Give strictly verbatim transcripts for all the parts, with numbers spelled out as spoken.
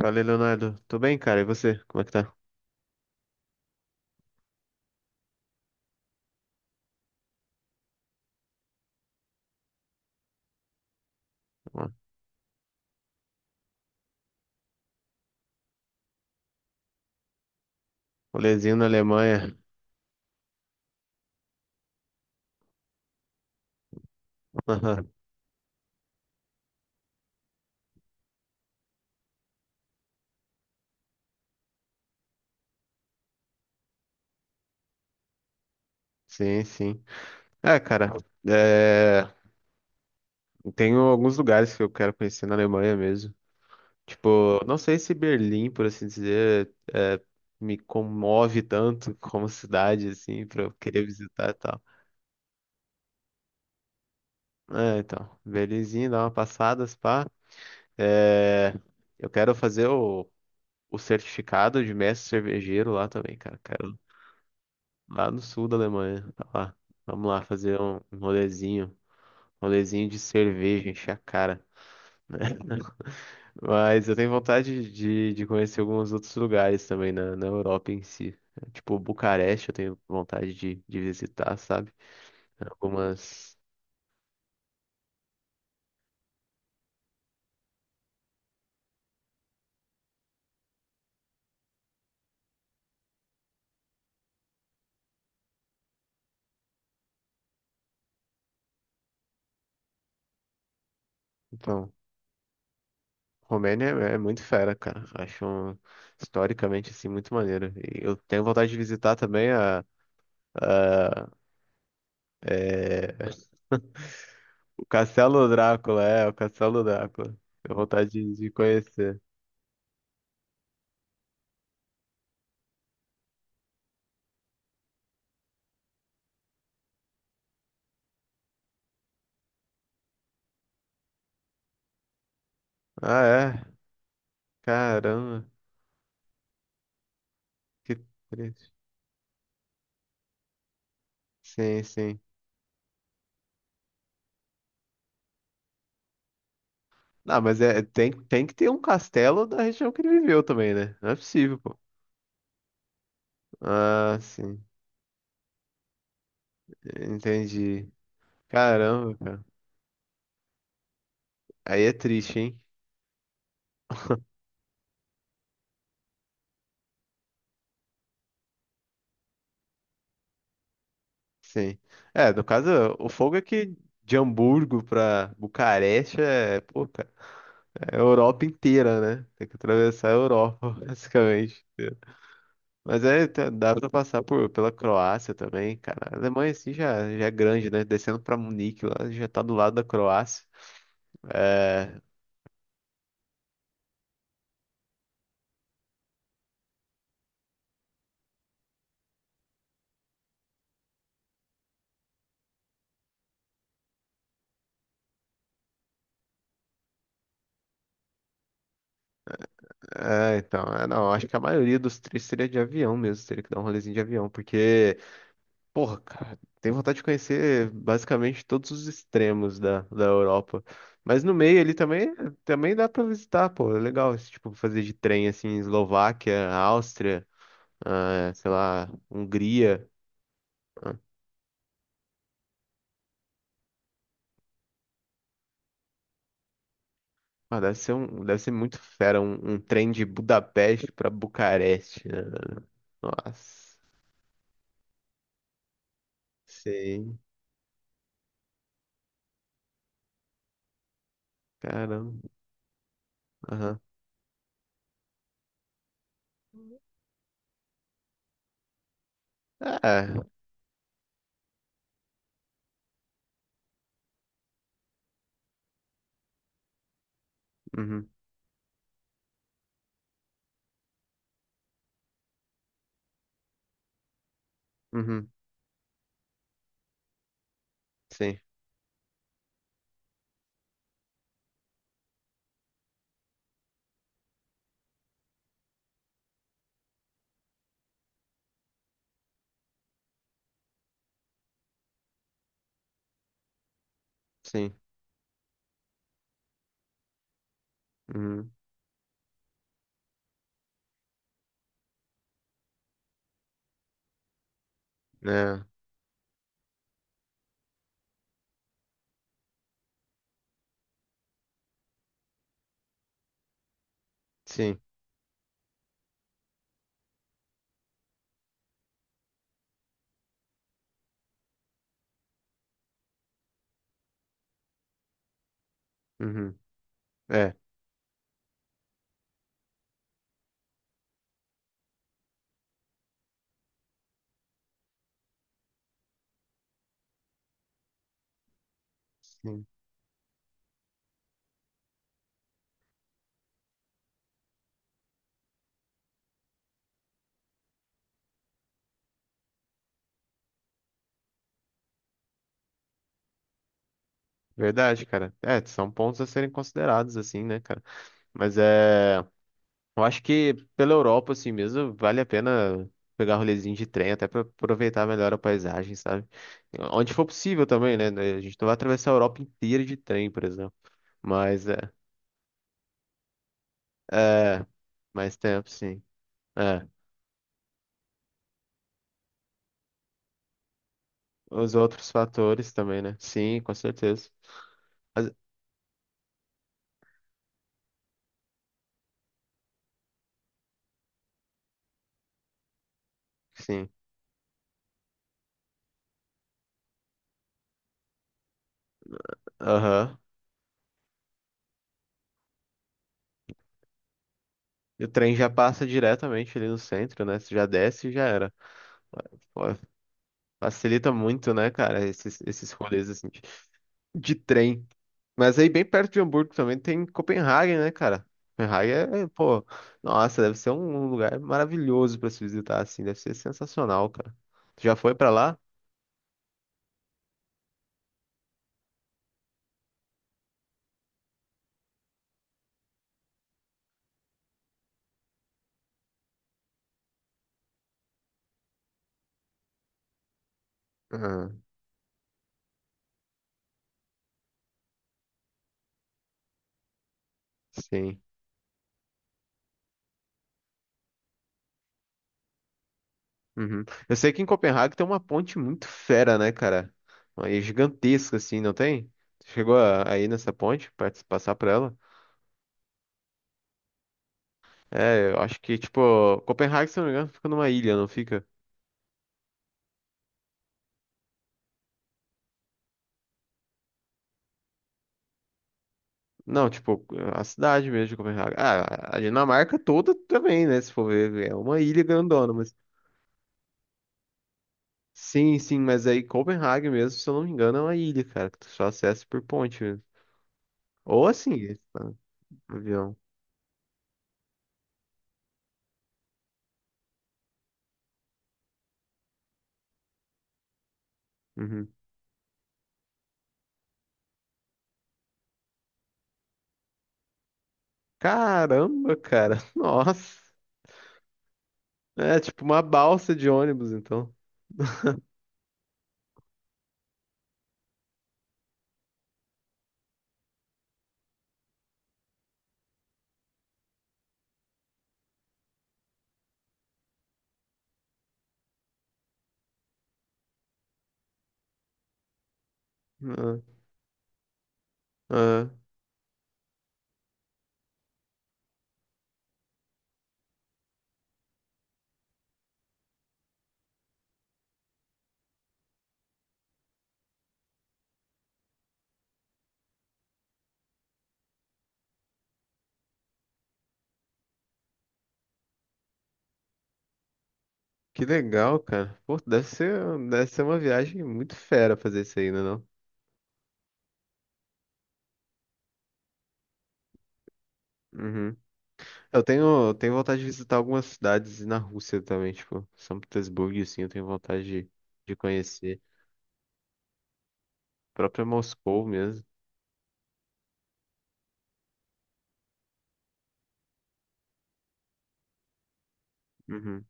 Valeu, Leonardo. Tô bem, cara. E você? Como é que tá? Ó, rolezinho na Alemanha. Sim, sim. É, cara, é... tenho alguns lugares que eu quero conhecer na Alemanha mesmo. Tipo, não sei se Berlim, por assim dizer, é, me comove tanto como cidade, assim, pra eu querer visitar e tal. É, então, Berlinzinho, dá uma passada, se pá. É... Eu quero fazer o, o certificado de mestre cervejeiro lá também, cara. Quero Lá no sul da Alemanha. Tá lá. Vamos lá fazer um um rolezinho. Um rolezinho de cerveja, encher a cara. Né? Mas eu tenho vontade de, de conhecer alguns outros lugares também na, na Europa em si. Tipo, Bucareste eu tenho vontade de, de visitar, sabe? Algumas. Então, Romênia é, é muito fera, cara. Acho um- historicamente assim muito maneiro. E eu tenho vontade de visitar também a, a, é, Castelo Drácula, é, o Castelo Drácula. Tenho vontade de, de conhecer. Ah, é? Caramba, que triste. Sim, sim. Não, mas é, tem, tem que ter um castelo da região que ele viveu também, né? Não é possível, pô. Ah, sim. Entendi. Caramba, cara. Aí é triste, hein? Sim. É, no caso, o fogo é que de Hamburgo pra Bucareste é, pô, cara, é a Europa inteira, né? Tem que atravessar a Europa, basicamente. Mas é, tá- dá pra passar por, pela Croácia também, cara. A Alemanha assim já, já é grande, né? Descendo pra Munique lá, já tá do lado da Croácia. É, é, então, é, não, acho que a maioria dos três seria de avião mesmo, teria que dar um rolezinho de avião, porque, porra, cara, tenho vontade de conhecer basicamente todos os extremos da, da Europa. Mas no meio ali também, também dá pra visitar, pô, é legal, esse tipo, fazer de trem, assim, Eslováquia, Áustria, ah, sei lá, Hungria. Ah, deve ser um, deve ser muito fera um, um trem de Budapeste pra Bucareste, né? Nossa, sei. Caramba. Aham. É. Uhum. Uhum. Sim. Sim. Uhum. É. Sim. Uhum. É. Sim. Verdade, cara. É, são pontos a serem considerados, assim, né, cara? Mas é. Eu acho que pela Europa, assim mesmo, vale a pena pegar rolezinho de trem, até para aproveitar melhor a paisagem, sabe? Onde for possível também, né? A gente não vai atravessar a Europa inteira de trem, por exemplo. Mas é, é mais tempo, sim. É. Os outros fatores também, né? Sim, com certeza. Mas- sim. Aham. E o trem já passa diretamente ali no centro, né? Você já desce e já era. Pô, facilita muito, né, cara, esses, esses rolês assim, de de trem. Mas aí bem perto de Hamburgo também tem Copenhague, né, cara? Copenhague é, é, pô, nossa, deve ser um lugar maravilhoso pra se visitar, assim, deve ser sensacional, cara. Tu já foi pra lá? Ah, sim. Uhum. Eu sei que em Copenhague tem uma ponte muito fera, né, cara? Aí gigantesca, assim, não tem? Tu chegou a- aí nessa ponte, pra passar por ela? É, eu acho que, tipo, Copenhague, se não me engano, fica numa ilha, não fica? Não, tipo, a cidade mesmo de Copenhague. Ah, a Dinamarca toda também, né? Se for ver, é uma ilha grandona, mas. Sim, sim, mas aí Copenhague mesmo, se eu não me engano, é uma ilha, cara, que tu só acessa por ponte mesmo. Ou assim, esse, tá? Avião. Uhum. Caramba, cara, nossa. É tipo uma balsa de ônibus, então. Ah, ah, que legal, cara. Pô, deve ser, deve ser uma viagem muito fera fazer isso aí, né, não? Uhum. Eu tenho, tenho vontade de visitar algumas cidades na Rússia também, tipo, São Petersburgo, assim, eu tenho vontade de, de conhecer. A própria Moscou mesmo. Uhum.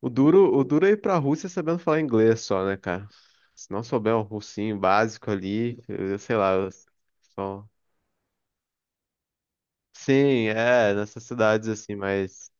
O duro, o duro é ir pra Rússia sabendo falar inglês só, né, cara? Se não souber um russinho básico ali, eu sei lá, eu só... Sim, é, nessas cidades assim, mas...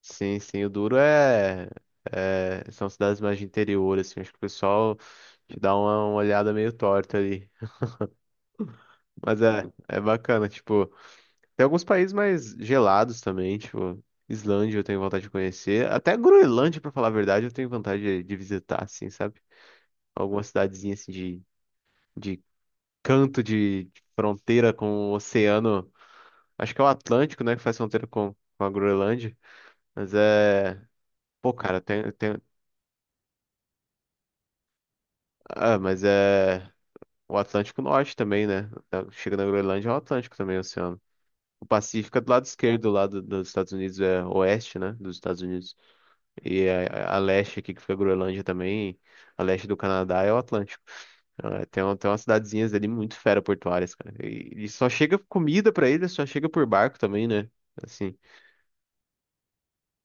Sim, sim, o duro é... é- são cidades mais de interior, assim, acho que o pessoal te dá uma uma olhada meio torta ali. Mas é, é bacana, tipo... Tem alguns países mais gelados também, tipo, Islândia eu tenho vontade de conhecer. Até Groenlândia, pra falar a verdade, eu tenho vontade de, de visitar, assim, sabe? Alguma cidadezinha assim de, de canto de, de fronteira com o oceano. Acho que é o Atlântico, né, que faz fronteira com, com a Groenlândia. Mas é. Pô, cara, tem, tem. Ah, mas é. O Atlântico Norte também, né? Tá- Chega na Groenlândia, é o Atlântico também, é o oceano. O Pacífico é do lado esquerdo, do lado dos Estados Unidos, é oeste, né? Dos Estados Unidos. E a, a leste aqui, que fica a Groenlândia também, a leste do Canadá é o Atlântico. Ah, Tem, um- tem umas cidadezinhas ali muito fera-portuárias, cara. E, e só chega comida pra eles, só chega por barco também, né? Assim.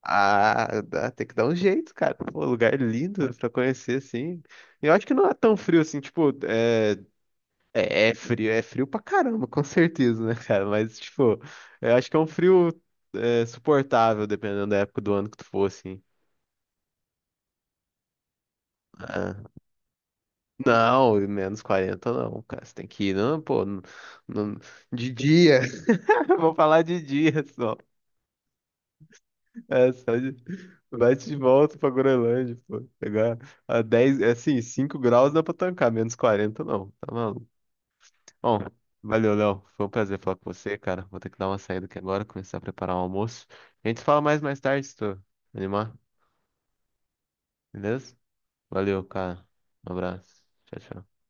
Ah, dá- tem que dar um jeito, cara. Pô, lugar lindo pra conhecer, assim. E eu acho que não é tão frio assim, tipo, é, é, é frio, é frio pra caramba, com certeza, né, cara? Mas, tipo, eu acho que é um frio é, suportável, dependendo da época do ano que tu for, assim. Ah. Não, menos quarenta não, cara. Você tem que ir, não, pô, no- no- de dia. Vou falar de dia só. É, só de... Bate de volta pra Groenlândia, pô. Pegar a dez, é assim, cinco graus dá pra tancar, menos quarenta não, tá maluco. Bom, valeu, Léo. Foi um prazer falar com você, cara. Vou ter que dar uma saída aqui agora, começar a preparar o almoço. A gente fala mais mais tarde, se tu animar, beleza? Valeu, cara. Um abraço. Tchau, tchau.